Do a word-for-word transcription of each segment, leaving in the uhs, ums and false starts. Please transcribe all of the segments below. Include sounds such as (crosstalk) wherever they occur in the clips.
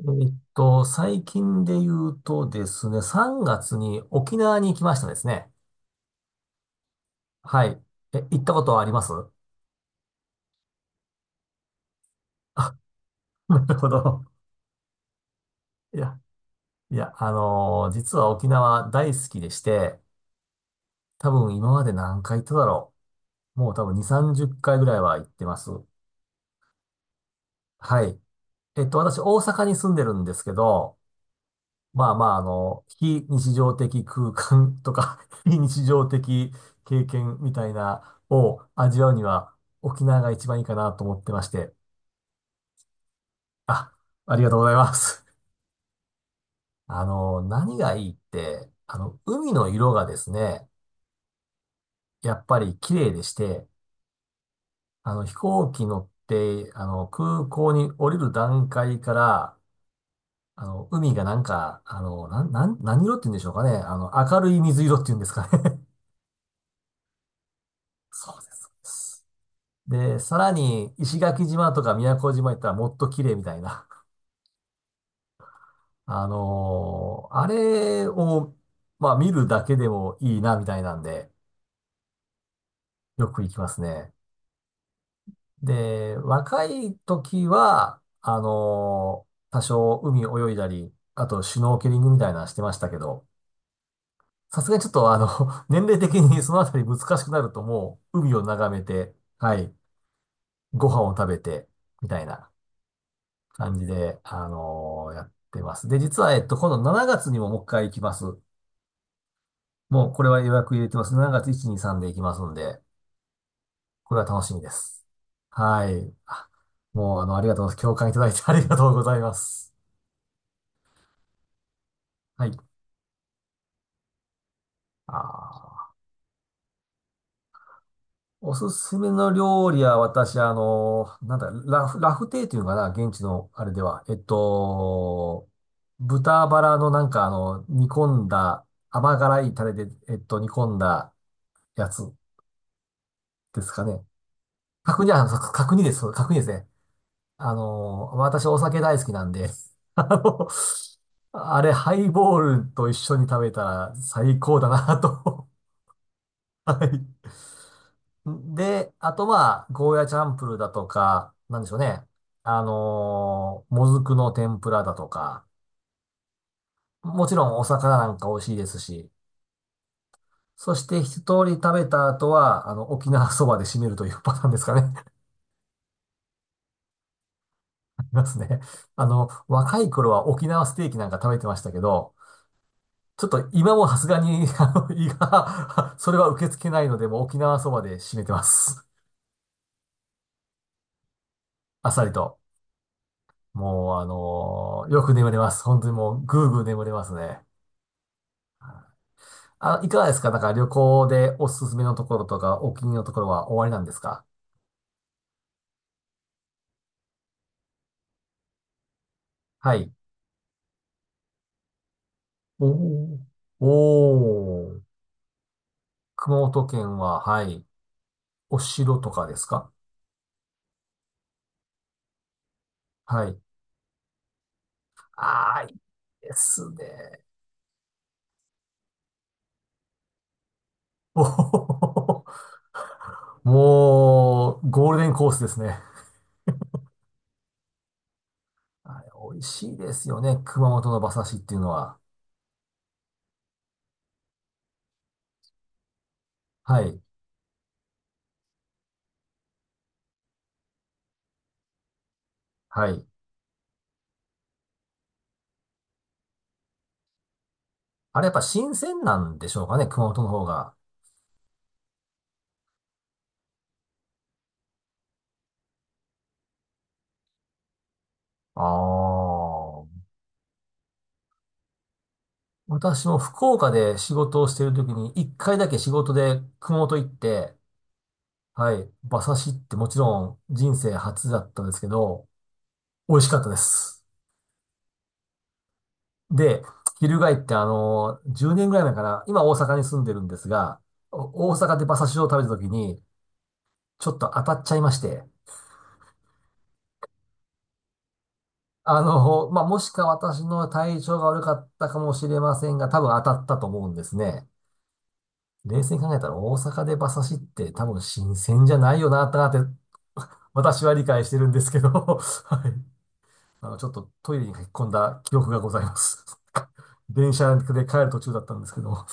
えっと、最近で言うとですね、さんがつに沖縄に行きましたですね。はい。え、行ったことはあります？あ、(laughs) なるほど。いや、いや、あのー実は沖縄大好きでして、多分今まで何回行っただろう。もう多分に、さんじゅっかいぐらいは行ってます。はい。えっと、私大阪に住んでるんですけど、まあまあ、あの、非日常的空間とか (laughs) 非日常的経験みたいなを味わうには沖縄が一番いいかなと思ってまして。あ、ありがとうございます。(laughs) あの、何がいいって、あの、海の色がですね、やっぱり綺麗でして、あの、飛行機乗って、あの、空港に降りる段階から、あの、海がなんか、あの、なん、なん、何色って言うんでしょうかね。あの、明るい水色って言うんですかね。(laughs) そうです。で、さらに石垣島とか宮古島行ったらもっと綺麗みたいな。(laughs) あのーあれを、まあ見るだけでもいいなみたいなんで、よく行きますね。で、若い時は、あのー多少海泳いだり、あとシュノーケリングみたいなのしてましたけど、さすがにちょっとあの、(laughs) 年齢的に (laughs) そのあたり難しくなるともう海を眺めて、はい、ご飯を食べて、みたいな。感じで、あのーやってます。で、実は、えっと、今度しちがつにももう一回行きます。もう、これは予約入れてます。しちがつついたち、ふつか、みっかで行きますんで、これは楽しみです。はい。あもう、あの、ありがとうございます。共感いただいて (laughs) ありがとうございます。はい。あーおすすめの料理は、私、あのーなんだ、ラフ、ラフテーっていうのかな、現地の、あれでは。えっと、豚バラのなんか、あの、煮込んだ、甘辛いタレで、えっと、煮込んだやつですかね。角煮、あ、そう角煮です。角煮ですね。あのー、私お酒大好きなんで、(laughs) あの、あれ、ハイボールと一緒に食べたら最高だなと。(laughs) はい。で、あとまあ、ゴーヤチャンプルだとか、なんでしょうね。あのーもずくの天ぷらだとか、もちろんお魚なんか美味しいですし、そして一通り食べた後は、あの、沖縄そばで締めるというパターンですかね。(laughs) ありますね。あの、若い頃は沖縄ステーキなんか食べてましたけど、ちょっと今もさすがに、(laughs) あの、胃が (laughs) それは受け付けないので、もう沖縄そばで締めてます。あっさりと。もう、あのーよく眠れます。本当にもう、ぐーぐー眠れますね。あ、いかがですか？なんか旅行でおすすめのところとか、お気に入りのところは終わりなんですか？はい。おー。おー。熊本県は、はい。お城とかですか？はい。ああ、いいですね。おーもう、ゴールデンコースですね。あれ、美味しいですよね。熊本の馬刺しっていうのは。はい。はい。あれやっぱ新鮮なんでしょうかね、熊本の方が。ああ、私も福岡で仕事をしている時に、一回だけ仕事で熊本行って、はい、馬刺しってもちろん人生初だったんですけど、美味しかったです。で、翻ってあの、じゅうねんぐらい前かな、今大阪に住んでるんですが、お大阪で馬刺しを食べた時に、ちょっと当たっちゃいまして、あの、まあ、もしか私の体調が悪かったかもしれませんが、多分当たったと思うんですね。冷静に考えたら大阪で馬刺しって多分新鮮じゃないよな、ってなって私は理解してるんですけど、(laughs) はい。あの、ちょっとトイレに駆け込んだ記憶がございます。(laughs) 電車で帰る途中だったんですけど、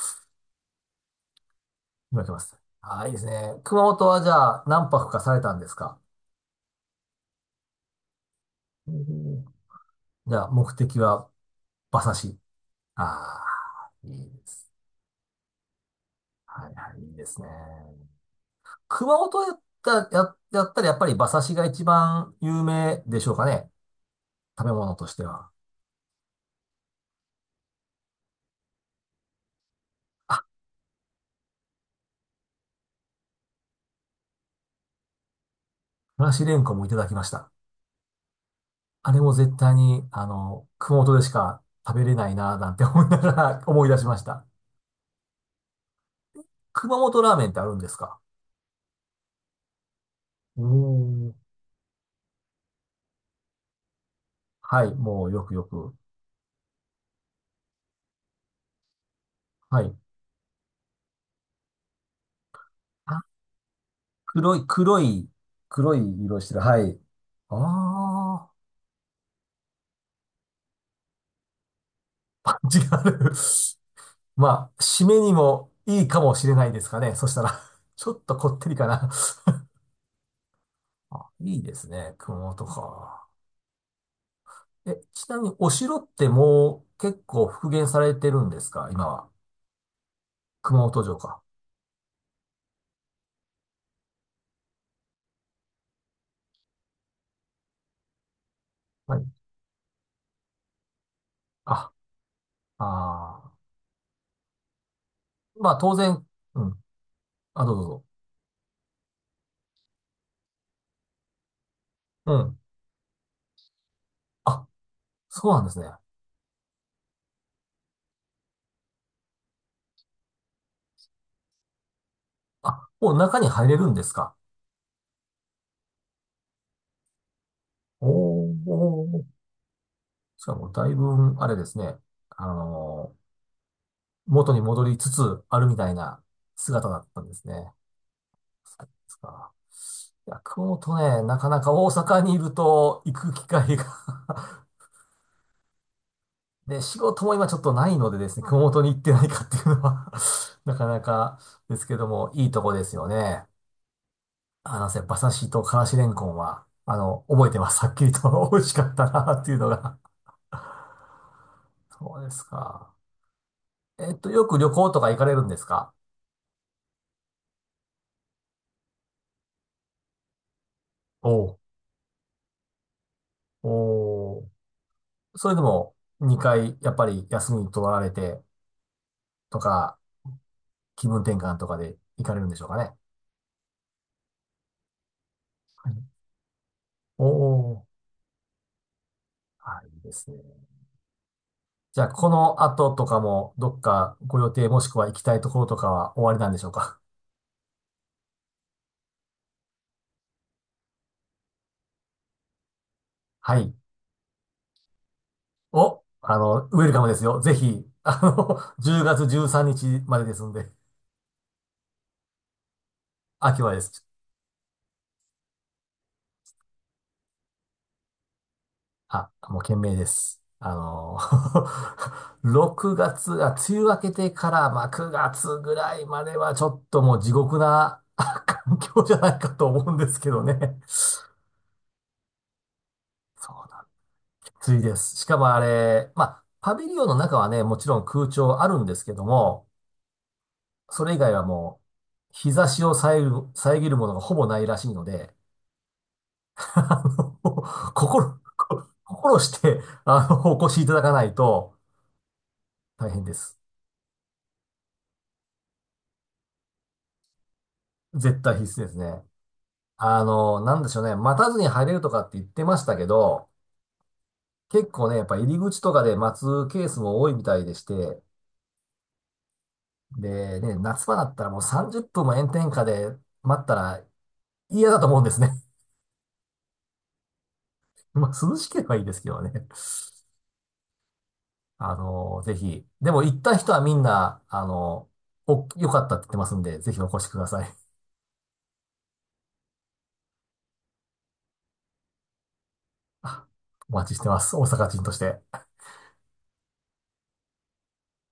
今来ます。ああ、いいですね。熊本はじゃあ何泊かされたんですか？おーじゃあ目的は馬刺し。ああ、いいです。はいはい、いいですね。熊本やった、や、やったらやっぱり馬刺しが一番有名でしょうかね。食べ物としては。あ、からしれんこんもいただきました。あれも絶対に、あの、熊本でしか食べれないなぁなんて思いながら (laughs) 思い出しました。熊本ラーメンってあるんですか？おー。はい、もうよくよく。はい。あ、黒い、黒い、黒い色してる。はい。ああ、(laughs) パンチがある。(laughs) まあ、締めにもいいかもしれないですかね。そしたら、(laughs) ちょっとこってりかな。あ、いいですね。熊本か。え、ちなみにお城ってもう結構復元されてるんですか今は。熊本城か。はい。あ、あーまあ当然、うん。あ、どうぞどうぞ。うん。あ、そうなんですね。あ、もう中に入れるんですか？おーおー。しかもだいぶ、あれですね。あのー元に戻りつつあるみたいな姿だったんですね。そうですか。いや、熊本ね、なかなか大阪にいると行く機会が。で、仕事も今ちょっとないのでですね、熊本に行ってないかっていうのは (laughs) なかなかですけども、いいとこですよね。あの、馬刺しとからしれんこんは、あの、覚えてます。はっきりと (laughs) 美味しかったなっていうのが。(laughs) そうですか。えっと、よく旅行とか行かれるんですか？おうおうそれでも、にかい、やっぱり休み取られてとか、気分転換とかで行かれるんでしょうかね。はいおお、はい、いいですね。じゃあ、この後とかも、どっかご予定もしくは行きたいところとかは終わりなんでしょうか？ (laughs) はい。お、あの、ウェルカムですよ。ぜひ、(laughs) あの、じゅうがつじゅうさんにちまでですんで、秋はです。あ、もう懸命です。あの、(laughs) ろくがつ、あ、梅雨明けてから、まあ、くがつぐらいまではちょっともう地獄な (laughs) あ環境じゃないかと思うんですけどね。そうなん暑いです。しかもあれ、まあ、パビリオンの中はね、もちろん空調あるんですけども、それ以外はもう、日差しを遮る、遮るものがほぼないらしいので、(laughs) あの心、心して、あの、お越しいただかないと大変です。絶対必須ですね。あの、なんでしょうね。待たずに入れるとかって言ってましたけど、結構ね、やっぱ入り口とかで待つケースも多いみたいでして、で、ね、夏場だったらもうさんじゅっぷんも炎天下で待ったら嫌だと思うんですね。(laughs) まあ、涼しければいいですけどね。あの、ぜひ。でも行った人はみんな、あの、お、良かったって言ってますんで、ぜひお越しください。あお待ちしてます。大阪人として。